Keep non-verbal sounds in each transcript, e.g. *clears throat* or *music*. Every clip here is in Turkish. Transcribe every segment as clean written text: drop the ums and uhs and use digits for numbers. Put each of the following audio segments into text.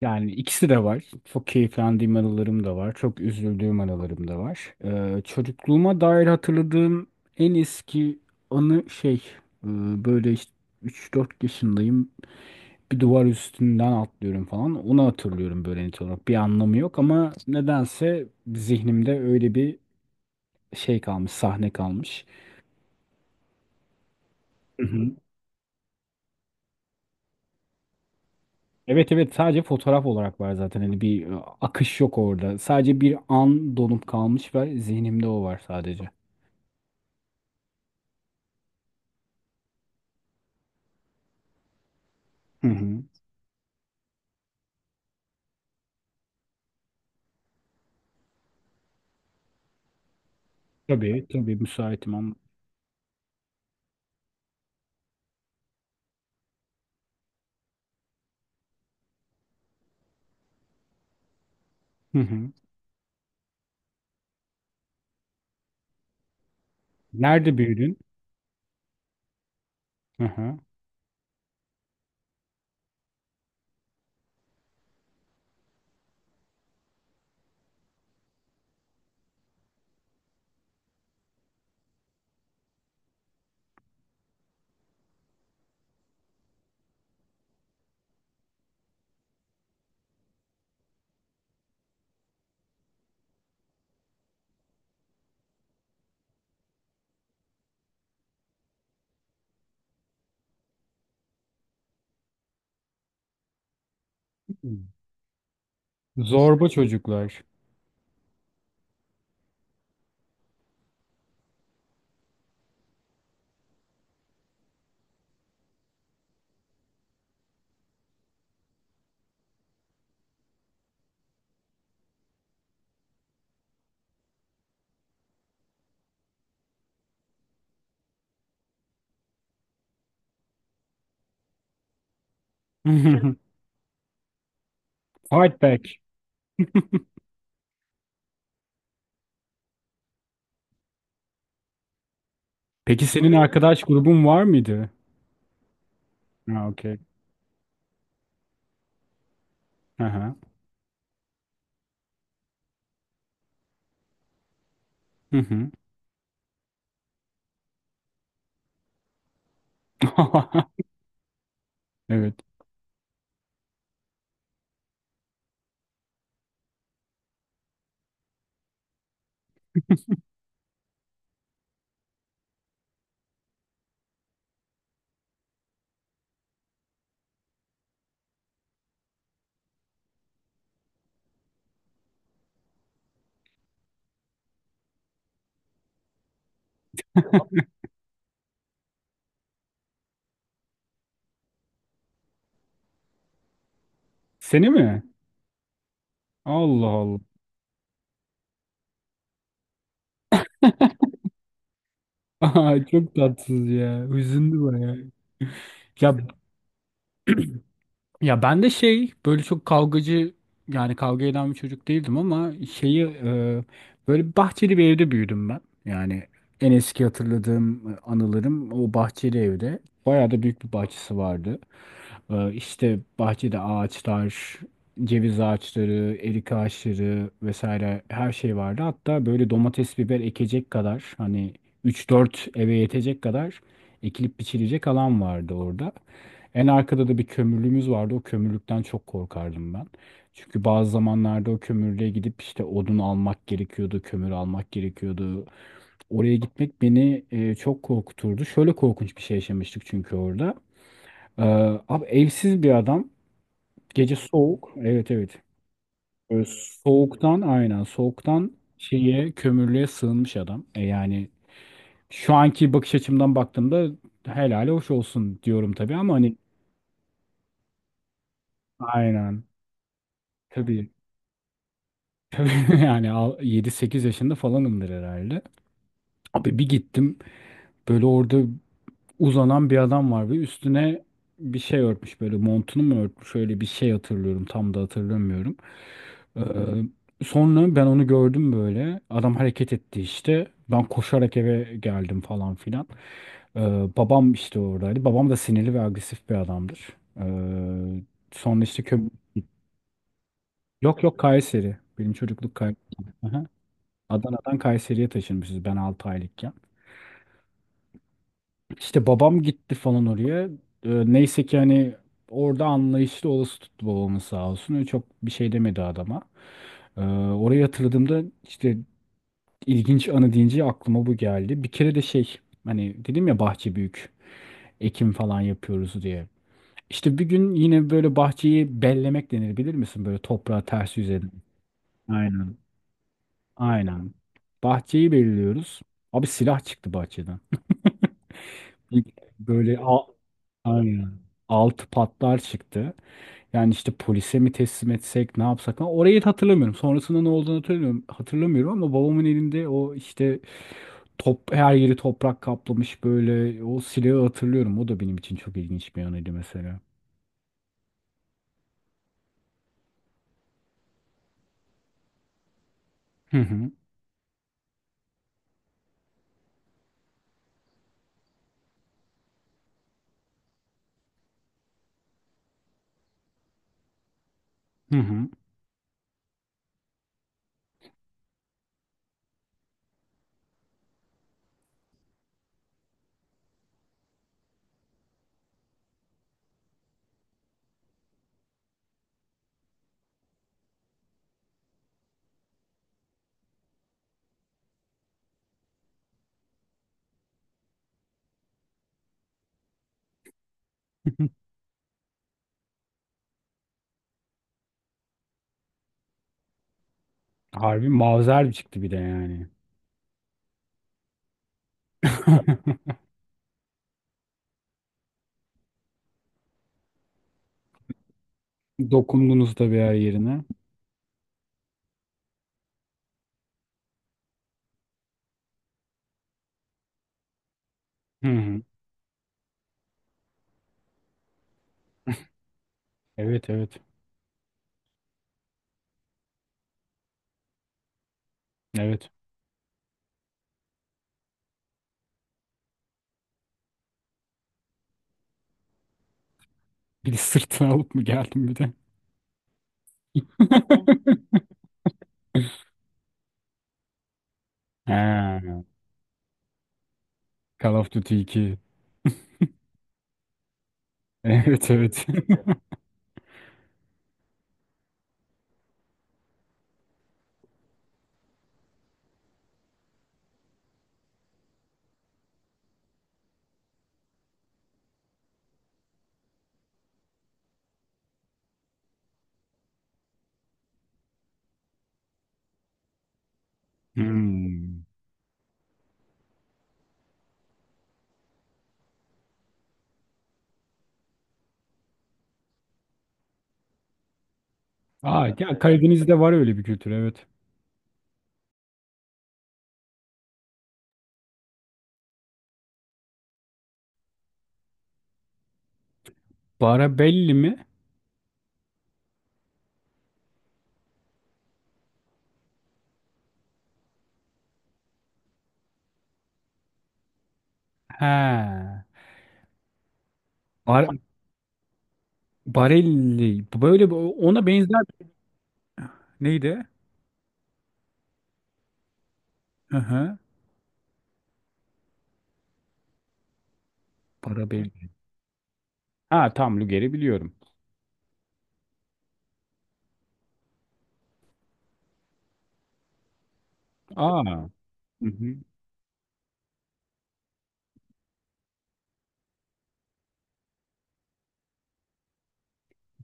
Yani ikisi de var. Çok keyiflendiğim anılarım da var. Çok üzüldüğüm anılarım da var. Çocukluğuma dair hatırladığım en eski anı şey e, böyle işte 3-4 yaşındayım. Bir duvar üstünden atlıyorum falan. Onu hatırlıyorum böyle net olarak. Bir anlamı yok ama nedense zihnimde öyle bir şey kalmış, sahne kalmış. Hı hı. Evet evet, sadece fotoğraf olarak var zaten. Hani bir akış yok orada. Sadece bir an donup kalmış ve zihnimde o var sadece. Hı hı. Tabii, tabii müsaitim ama. Hı hı. Nerede büyüdün? Hı hı. Zorba çocuklar. *laughs* Fight back. Peki senin arkadaş grubun var mıydı? Ha, okey. Hı hı. Hı hı. *laughs* Evet. Seni mi? Allah Allah. *laughs* Aa, çok tatsız ya. Hüzündü bayağı. Ya Ya, ben de şey böyle çok kavgacı, yani kavga eden bir çocuk değildim ama şeyi böyle bahçeli bir evde büyüdüm ben. Yani en eski hatırladığım anılarım o bahçeli evde. Bayağı da büyük bir bahçesi vardı. İşte bahçede ağaçlar, ceviz ağaçları, erik ağaçları vesaire her şey vardı. Hatta böyle domates, biber ekecek kadar, hani üç dört eve yetecek kadar ekilip biçilecek alan vardı orada. En arkada da bir kömürlüğümüz vardı. O kömürlükten çok korkardım ben. Çünkü bazı zamanlarda o kömürlüğe gidip işte odun almak gerekiyordu, kömür almak gerekiyordu. Oraya gitmek beni çok korkuturdu. Şöyle korkunç bir şey yaşamıştık çünkü orada. Ee, Abi evsiz bir adam. Gece soğuk. Evet evet. Böyle soğuktan, aynen, soğuktan şeye, kömürlüğe sığınmış adam. Yani şu anki bakış açımdan baktığımda helali hoş olsun diyorum tabii ama hani aynen. Tabii. *laughs* Yani yedi sekiz yaşında falanımdır herhalde. Abi bir gittim, böyle orada uzanan bir adam var ve üstüne bir şey örtmüş, böyle montunu mu örtmüş, öyle bir şey hatırlıyorum, tam da hatırlamıyorum. Ee, Sonra ben onu gördüm, böyle adam hareket etti, işte ben koşarak eve geldim falan filan. Ee, Babam işte oradaydı, babam da sinirli ve agresif bir adamdır. Ee, Sonra işte yok yok, Kayseri, benim çocukluk Kayseri. Adana'dan Kayseri'ye taşınmışız ben 6 aylıkken. İşte babam gitti falan oraya. Neyse ki hani orada anlayışlı olası tuttu babamın, sağ olsun. Öyle çok bir şey demedi adama. Ee, Orayı hatırladığımda işte, ilginç anı deyince aklıma bu geldi. Bir kere de şey, hani dedim ya bahçe büyük. Ekim falan yapıyoruz diye. İşte bir gün yine böyle bahçeyi bellemek denir, bilir misin? Böyle toprağı ters yüz edin. Aynen. Aynen. Bahçeyi belliyoruz. Abi silah çıktı bahçeden. *laughs* İlk böyle aynen, altı patlar çıktı. Yani işte polise mi teslim etsek, ne yapsak falan. Orayı da hatırlamıyorum. Sonrasında ne olduğunu hatırlamıyorum ama babamın elinde o işte, top her yeri toprak kaplamış böyle, o silahı hatırlıyorum. O da benim için çok ilginç bir anıydı mesela. Hı hı. Hı hı. *laughs* Harbi mavzer çıktı bir de yani. *laughs* Dokundunuz da bir her yerine. Hı hı. Evet evet. Evet. Bir de sırtına alıp mı geldim bir de? *laughs* Ha, Call of Duty 2. *laughs* Evet evet. *laughs* Hmm. Aa, evet. Ya, Karadeniz'de var öyle bir kültür, evet. Barabelli mi? He. Bar Barelli. Böyle ona benzer neydi? Hı hı. Barabelli. Ha, tam Luger'i biliyorum. Aa. Hı hı.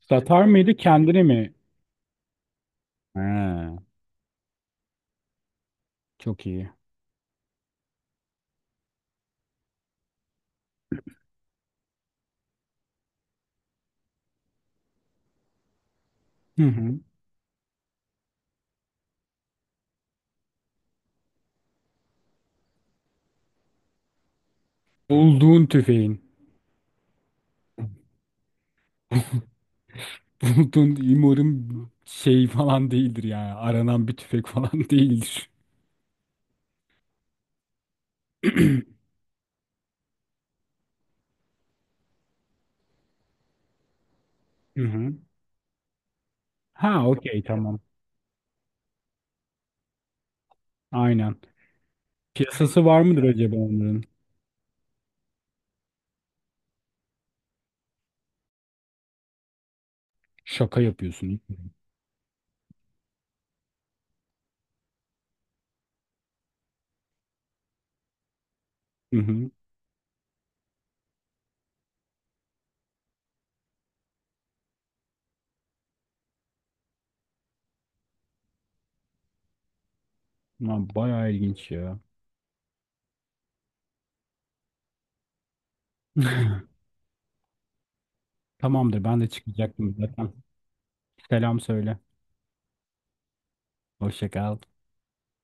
Satar mıydı, kendini mi? Ha, çok iyi. Hı hı. Bulduğun tüfeğin. *laughs* Bulduğun umarım şey falan değildir yani. Aranan bir tüfek falan *laughs* değildir. *clears throat* Hı hı. Ha, okey, tamam. Aynen. Piyasası var mıdır acaba onların? Şaka yapıyorsun. Hı hı. Lan, bayağı ilginç ya. Tamamdır, ben de çıkacaktım zaten. Selam söyle. Hoşça kal.